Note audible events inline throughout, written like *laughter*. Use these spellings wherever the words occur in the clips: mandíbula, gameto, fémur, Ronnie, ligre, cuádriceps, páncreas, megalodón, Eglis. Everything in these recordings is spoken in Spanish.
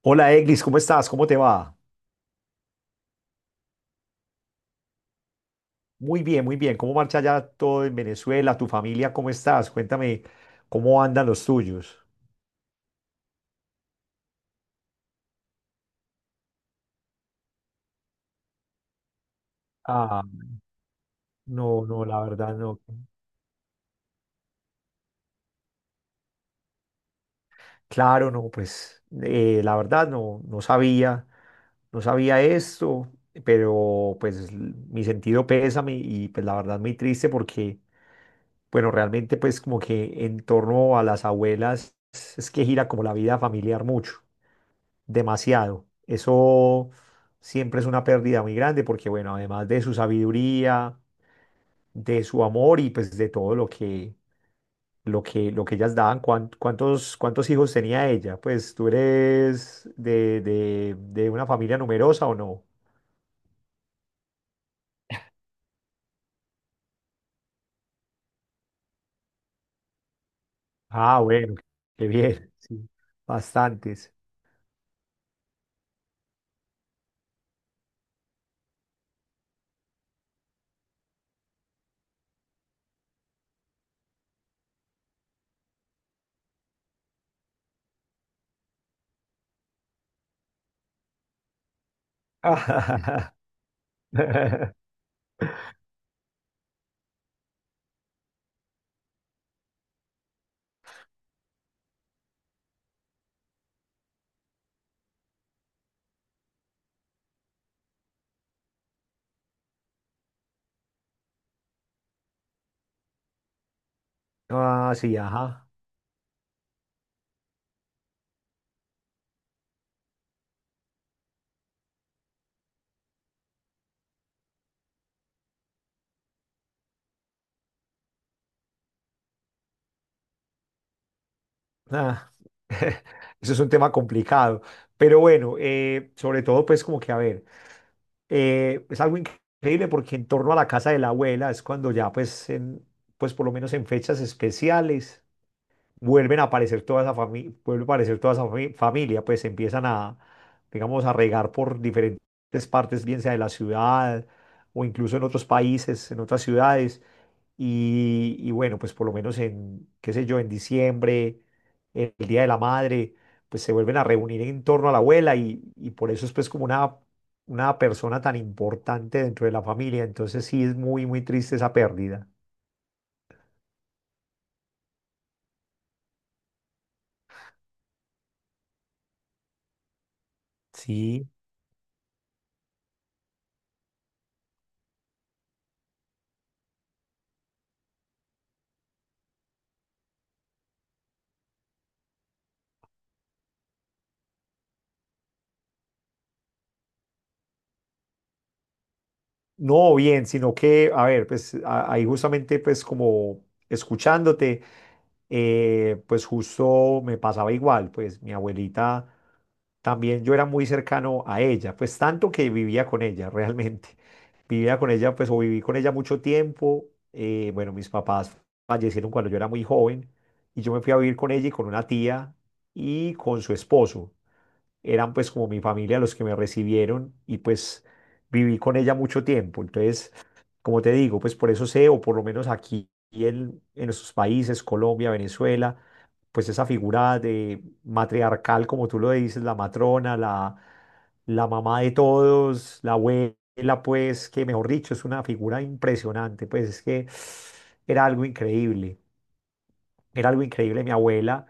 Hola Eglis, ¿cómo estás? ¿Cómo te va? Muy bien, muy bien. ¿Cómo marcha ya todo en Venezuela? ¿Tu familia cómo estás? Cuéntame cómo andan los tuyos. Ah, no, no, la verdad no. Claro, no, pues la verdad no, no sabía esto, pero pues mi sentido pésame y pues la verdad muy triste porque, bueno, realmente pues como que en torno a las abuelas es que gira como la vida familiar mucho. Demasiado. Eso siempre es una pérdida muy grande porque, bueno, además de su sabiduría, de su amor y pues de todo lo que ellas daban, ¿cuántos, cuántos hijos tenía ella? Pues tú eres de una familia numerosa o no? Ah, bueno, qué bien, sí, bastantes. *laughs* Ah, sí, ajá. Ah, *laughs* eso es un tema complicado. Pero bueno, sobre todo, pues como que a ver. Es algo increíble porque en torno a la casa de la abuela es cuando ya pues, en, pues por lo menos en fechas especiales vuelven a aparecer toda esa familia, vuelve a aparecer toda esa familia, pues empiezan a, digamos, a regar por diferentes partes, bien sea de la ciudad o incluso en otros países, en otras ciudades, y bueno, pues por lo menos en, qué sé yo, en diciembre, el Día de la Madre, pues se vuelven a reunir en torno a la abuela y por eso es pues como una persona tan importante dentro de la familia. Entonces sí es muy, muy triste esa pérdida. Sí. No, bien, sino que, a ver, pues ahí justamente pues como escuchándote, pues justo me pasaba igual, pues mi abuelita también yo era muy cercano a ella, pues tanto que vivía con ella *laughs* realmente, vivía con ella pues o viví con ella mucho tiempo, bueno, mis papás fallecieron cuando yo era muy joven y yo me fui a vivir con ella y con una tía y con su esposo eran pues como mi familia los que me recibieron y pues viví con ella mucho tiempo. Entonces, como te digo, pues por eso sé, o por lo menos aquí en nuestros países, Colombia, Venezuela, pues esa figura de matriarcal, como tú lo dices, la matrona, la mamá de todos, la abuela, pues que mejor dicho, es una figura impresionante, pues es que era algo increíble. Era algo increíble, mi abuela.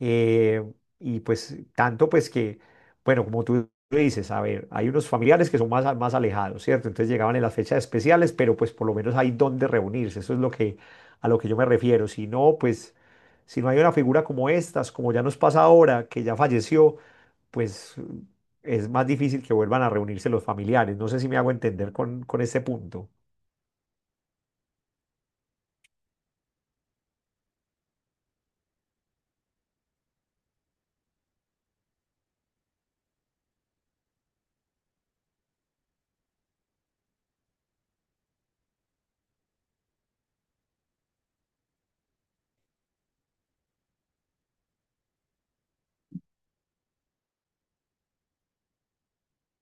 eh, y pues tanto pues que, bueno, como tú lo dices, a ver, hay unos familiares que son más, más alejados, ¿cierto? Entonces llegaban en las fechas especiales, pero pues por lo menos hay donde reunirse. Eso es lo que, a lo que yo me refiero. Si no, pues, si no hay una figura como estas, como ya nos pasa ahora, que ya falleció, pues es más difícil que vuelvan a reunirse los familiares. No sé si me hago entender con este punto.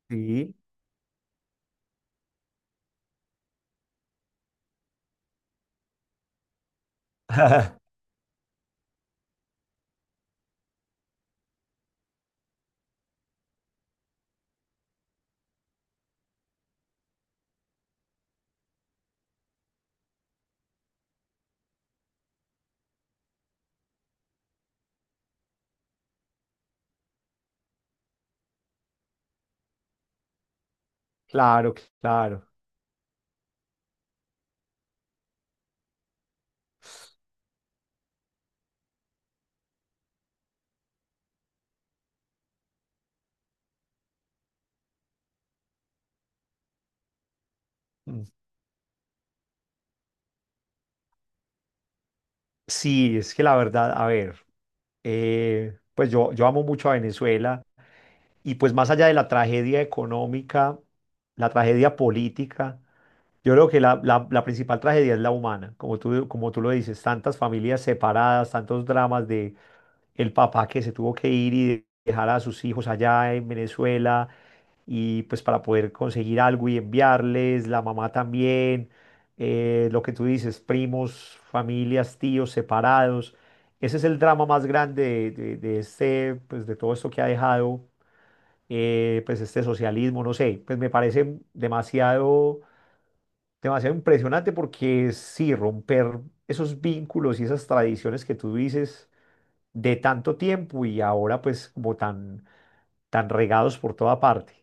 Sí. *laughs* Claro, claro. Sí, es que la verdad, a ver, pues yo amo mucho a Venezuela y pues más allá de la tragedia económica, la tragedia política, yo creo que la, la principal tragedia es la humana, como tú lo dices, tantas familias separadas, tantos dramas de el papá que se tuvo que ir y dejar a sus hijos allá en Venezuela y pues para poder conseguir algo y enviarles, la mamá también lo que tú dices, primos, familias, tíos separados. Ese es el drama más grande de, de este, pues de todo esto que ha dejado, pues este socialismo, no sé, pues me parece demasiado, demasiado impresionante porque sí, romper esos vínculos y esas tradiciones que tú dices de tanto tiempo y ahora pues como tan, tan regados por toda parte.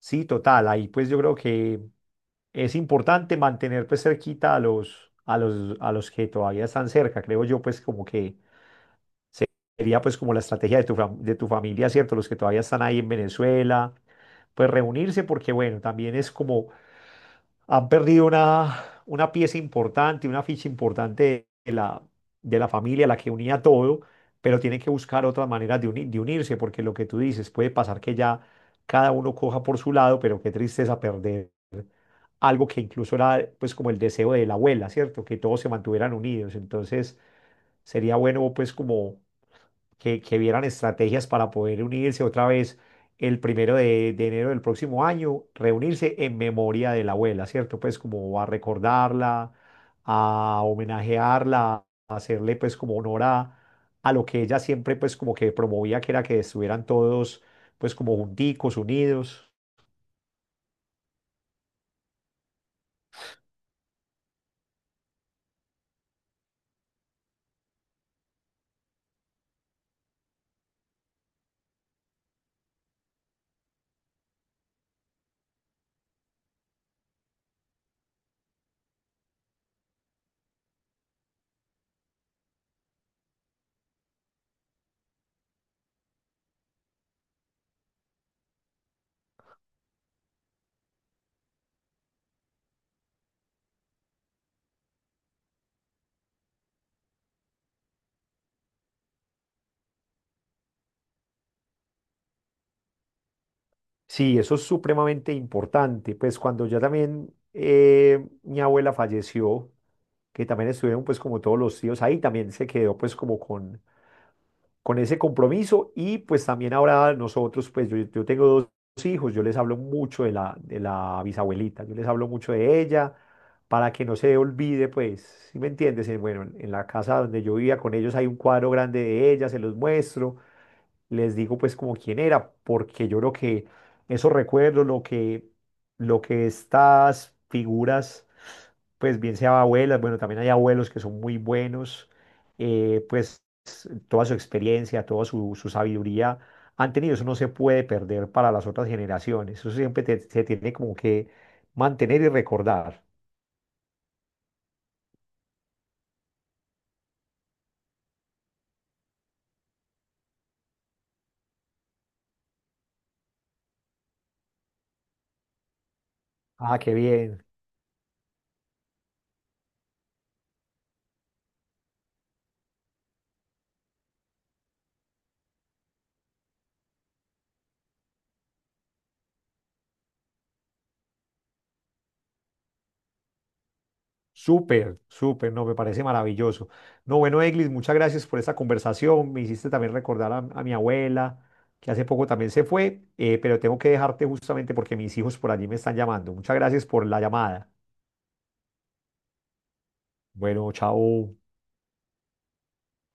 Sí, total. Ahí pues yo creo que es importante mantener pues cerquita a los, a los, a los que todavía están cerca. Creo yo pues como que se- sería pues como la estrategia de tu, de tu familia, ¿cierto? Los que todavía están ahí en Venezuela, pues reunirse porque bueno, también es como han perdido una pieza importante, una ficha importante de la familia, la que unía todo, pero tienen que buscar otras maneras de, de unirse, porque lo que tú dices, puede pasar que ya cada uno coja por su lado, pero qué tristeza perder algo que incluso era pues como el deseo de la abuela, ¿cierto? Que todos se mantuvieran unidos. Entonces sería bueno pues como que vieran estrategias para poder unirse otra vez el primero de enero del próximo año, reunirse en memoria de la abuela, ¿cierto? Pues como a recordarla, a homenajearla, a hacerle pues como honor a lo que ella siempre pues como que promovía, que era que estuvieran todos pues como junticos, unidos. Sí, eso es supremamente importante, pues cuando ya también mi abuela falleció, que también estuvieron pues como todos los tíos ahí, también se quedó pues como con ese compromiso y pues también ahora nosotros, pues yo tengo 2 hijos, yo les hablo mucho de la bisabuelita, yo les hablo mucho de ella para que no se olvide, pues, ¿si me entiendes? Bueno, en la casa donde yo vivía con ellos hay un cuadro grande de ella, se los muestro, les digo pues como quién era, porque yo creo que esos recuerdos, lo que estas figuras, pues bien sea abuelas, bueno, también hay abuelos que son muy buenos, pues toda su experiencia, toda su, su sabiduría han tenido, eso no se puede perder para las otras generaciones, eso siempre se tiene como que mantener y recordar. Ah, qué bien. Súper, súper, no, me parece maravilloso. No, bueno, Eglis, muchas gracias por esta conversación. Me hiciste también recordar a mi abuela, que hace poco también se fue, pero tengo que dejarte justamente porque mis hijos por allí me están llamando. Muchas gracias por la llamada. Bueno, chao.